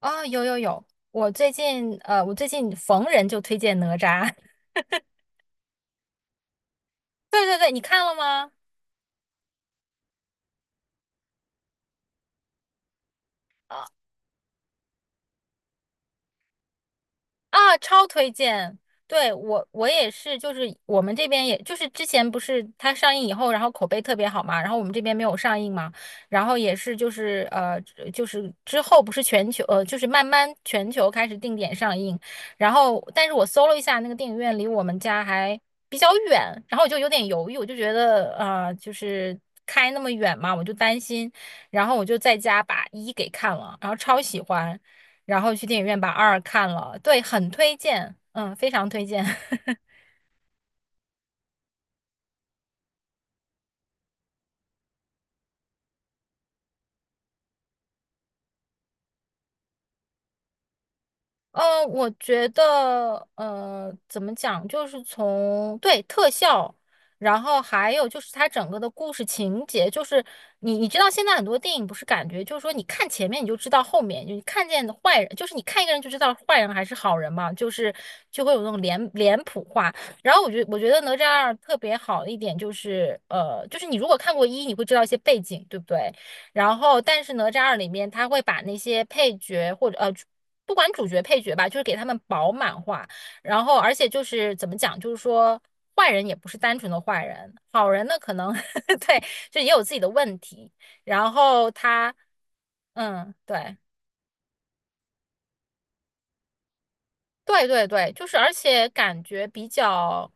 啊、有有有，我最近我最近逢人就推荐哪吒。对对对，你看了吗？啊。啊，超推荐！对，我也是，就是我们这边也就是之前不是它上映以后，然后口碑特别好嘛，然后我们这边没有上映嘛，然后也是就是之后不是全球就是慢慢全球开始定点上映，然后但是我搜了一下那个电影院离我们家还比较远，然后我就有点犹豫，我就觉得就是开那么远嘛，我就担心，然后我就在家把一给看了，然后超喜欢。然后去电影院把二看了，对，很推荐，嗯，非常推荐。我觉得，怎么讲，就是从对特效，然后还有就是它整个的故事情节，就是你知道现在很多电影不是感觉就是说你看前面你就知道后面，你看见坏人，就是你看一个人就知道坏人还是好人嘛，就是就会有那种脸谱化。然后我觉得哪吒二特别好的一点就是，就是你如果看过一，你会知道一些背景，对不对？然后，但是哪吒二里面他会把那些配角或者,不管主角配角吧，就是给他们饱满化。然后，而且就是怎么讲，就是说坏人也不是单纯的坏人，好人呢可能 对，就也有自己的问题。然后他，嗯，对。对对对，就是而且感觉比较，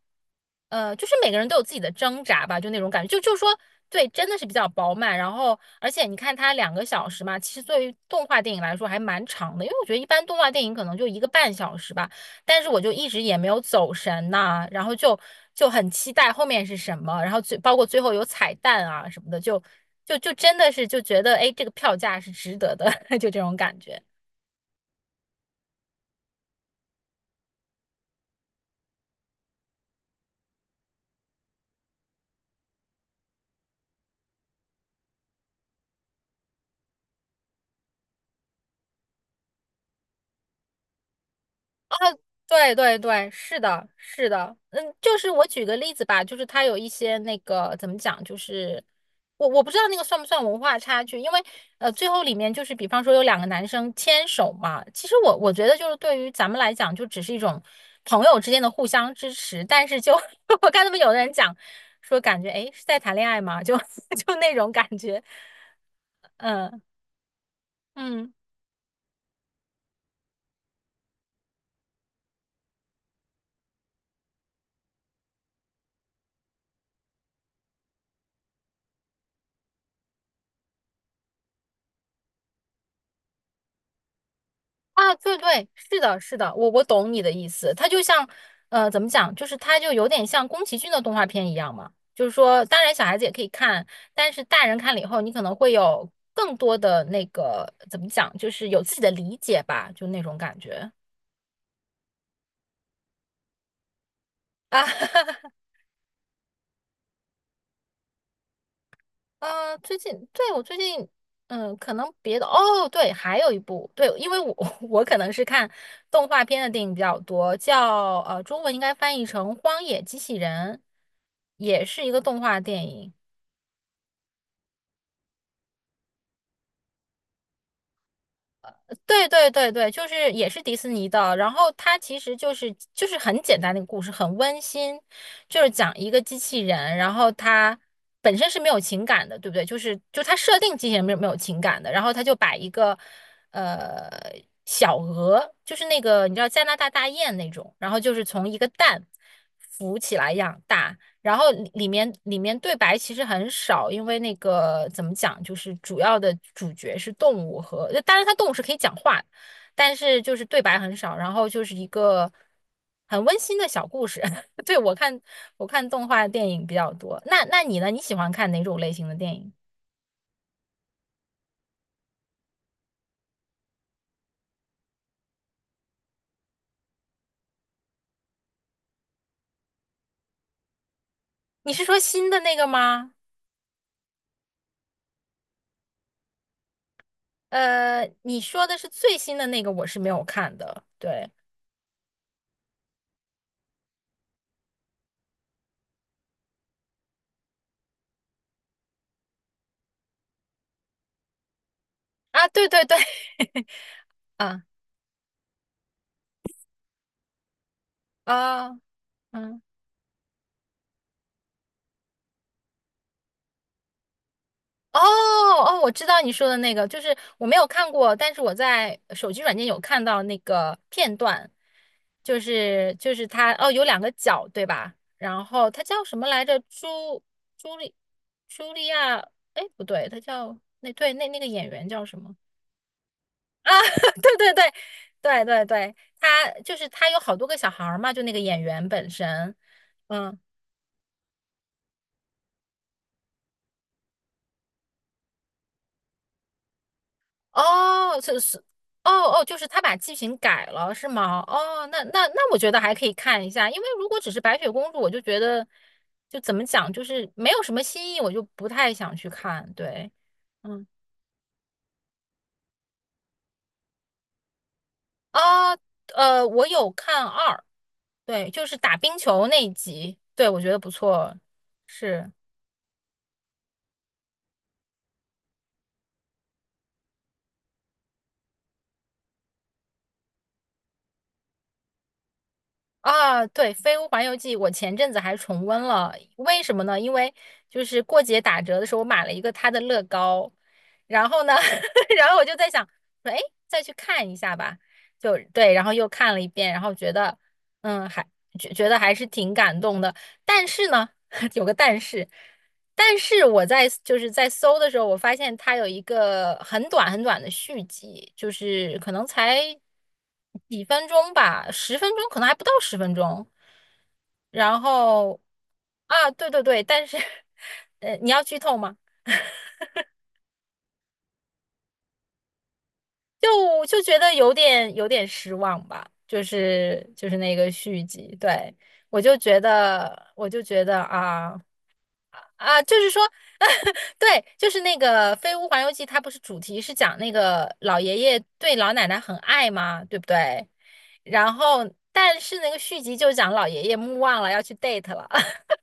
就是每个人都有自己的挣扎吧，就那种感觉，就说对，真的是比较饱满。然后，而且你看它两个小时嘛，其实对于动画电影来说还蛮长的，因为我觉得一般动画电影可能就一个半小时吧，但是我就一直也没有走神呐、然后就很期待后面是什么，然后最包括最后有彩蛋啊什么的，就真的是就觉得哎，这个票价是值得的，就这种感觉。对对对，是的，是的，嗯，就是我举个例子吧，就是它有一些那个怎么讲，就是我不知道那个算不算文化差距，因为最后里面就是比方说有两个男生牵手嘛，其实我觉得就是对于咱们来讲，就只是一种朋友之间的互相支持，但是就 我看他们有的人讲说感觉哎是在谈恋爱嘛，就 就那种感觉，嗯嗯。啊，对对，是的，是的，我懂你的意思。它就像，怎么讲，就是它就有点像宫崎骏的动画片一样嘛。就是说，当然小孩子也可以看，但是大人看了以后，你可能会有更多的那个怎么讲，就是有自己的理解吧，就那种感觉啊。最近最近，嗯，可能别的哦，对，还有一部，对，因为我 我可能是看动画片的电影比较多，叫中文应该翻译成《荒野机器人》，也是一个动画电影。对对对对，就是也是迪士尼的，然后它其实就是很简单的一个故事，很温馨，就是讲一个机器人，然后它本身是没有情感的，对不对？就它设定机器人没有情感的，然后它就把一个呃小鹅，就是那个你知道加拿大大雁那种，然后就是从一个蛋浮起来养大，然后里面对白其实很少，因为那个怎么讲，就是主要的主角是动物和，当然它动物是可以讲话但是就是对白很少，然后就是一个很温馨的小故事。对，我看动画电影比较多，那你呢？你喜欢看哪种类型的电影？你是说新的那个吗？呃，你说的是最新的那个，我是没有看的。对啊，对对对，啊啊嗯。哦哦，我知道你说的那个，就是我没有看过，但是我在手机软件有看到那个片段，就是他哦有两个角对吧？然后他叫什么来着？朱莉朱莉亚？哎不对，他叫那对那那个演员叫什么啊？对对对对对对，他就是他有好多个小孩儿嘛，就那个演员本身，嗯。哦，这是，哦哦，就是他把剧情改了，是吗？哦，那我觉得还可以看一下，因为如果只是白雪公主，我就觉得就怎么讲，就是没有什么新意，我就不太想去看。对，嗯啊，我有看二，对，就是打冰球那一集，对，我觉得不错，是。啊，对，《飞屋环游记》，我前阵子还重温了，为什么呢？因为就是过节打折的时候，我买了一个它的乐高，然后呢，然后我就在想说，哎，再去看一下吧，就对，然后又看了一遍，然后觉得，嗯，还觉得还是挺感动的，但是呢，有个但是，但是我就是在搜的时候，我发现它有一个很短的续集，就是可能才几分钟吧，十分钟，可能还不到十分钟。然后啊，对对对，但是 你要剧透吗？就就觉得有点失望吧，就是那个续集，对，我就觉得啊。啊，就是说，对，就是那个《飞屋环游记》，它不是主题是讲那个老爷爷对老奶奶很爱吗？对不对？然后，但是那个续集就讲老爷爷目望了要去 date 了，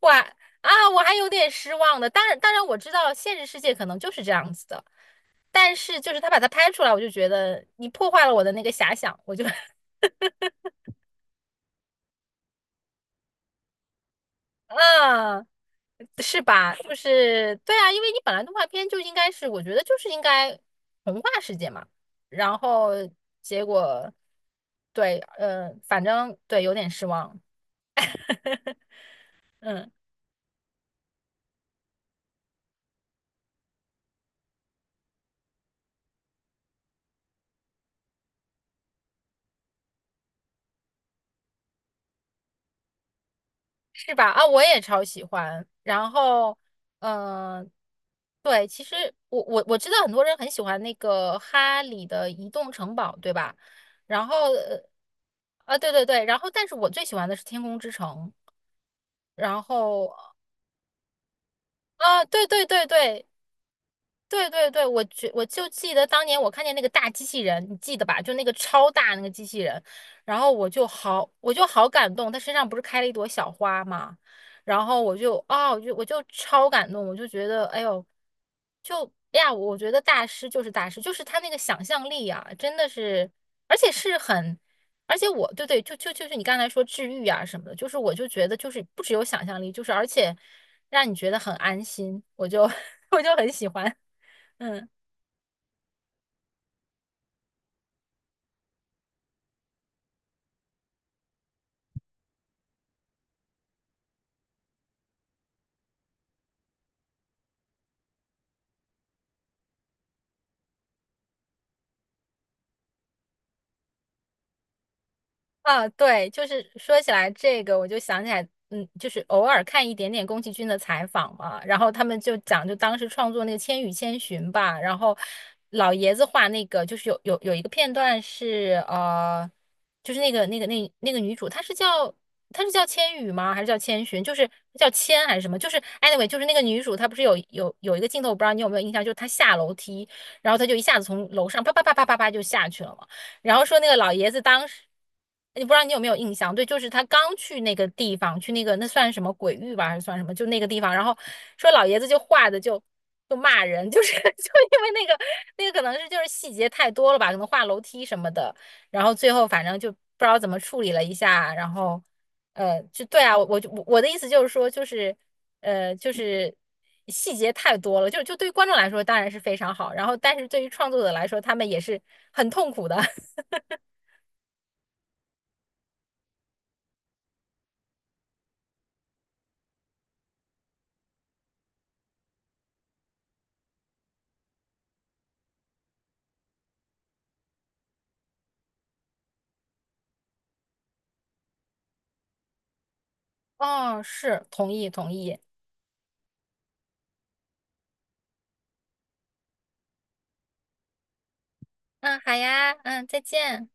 我还啊，我还有点失望的。当然，当然我知道现实世界可能就是这样子的，但是就是他把它拍出来，我就觉得你破坏了我的那个遐想，我就 嗯。啊是吧？就是对啊，因为你本来动画片就应该是，我觉得就是应该童话世界嘛。然后结果，对，反正对，有点失望，嗯，是吧？啊，我也超喜欢。然后，嗯、对，其实我知道很多人很喜欢那个哈利的移动城堡，对吧？然后，呃，啊，对对对，然后但是我最喜欢的是天空之城。然后啊，对对对对，对对对，我就记得当年我看见那个大机器人，你记得吧？就那个超大那个机器人，然后我就好感动，他身上不是开了一朵小花嘛，然后我就啊、我就超感动，我就觉得哎呦，就哎呀，我觉得大师就是大师，就是他那个想象力啊，真的是，而且是很，而且我对对，就是你刚才说治愈啊什么的，就是我就觉得就是不只有想象力，就是而且让你觉得很安心，我就 我就很喜欢。嗯啊，对，就是说起来这个，我就想起来，嗯，就是偶尔看一点点宫崎骏的采访嘛，然后他们就讲，就当时创作那个《千与千寻》吧，然后老爷子画那个，就是有一个片段是就是那个女主，她是叫千羽吗？还是叫千寻？就是叫千还是什么？就是 anyway，就是那个女主，她不是有一个镜头，我不知道你有没有印象，就是她下楼梯，然后她就一下子从楼上啪啪啪啪啪啪就下去了嘛。然后说那个老爷子当时，你不知道你有没有印象？对，就是他刚去那个地方，去那个那算什么鬼域吧，还是算什么？就那个地方，然后说老爷子就画的就骂人，就是 就因为那个可能是就是细节太多了吧，可能画楼梯什么的，然后最后反正就不知道怎么处理了一下，然后就对啊，我的意思就是说就是。就是细节太多了，就对于观众来说当然是非常好，然后但是对于创作者来说，他们也是很痛苦的。哦，是，同意同意。嗯，好呀，嗯，再见。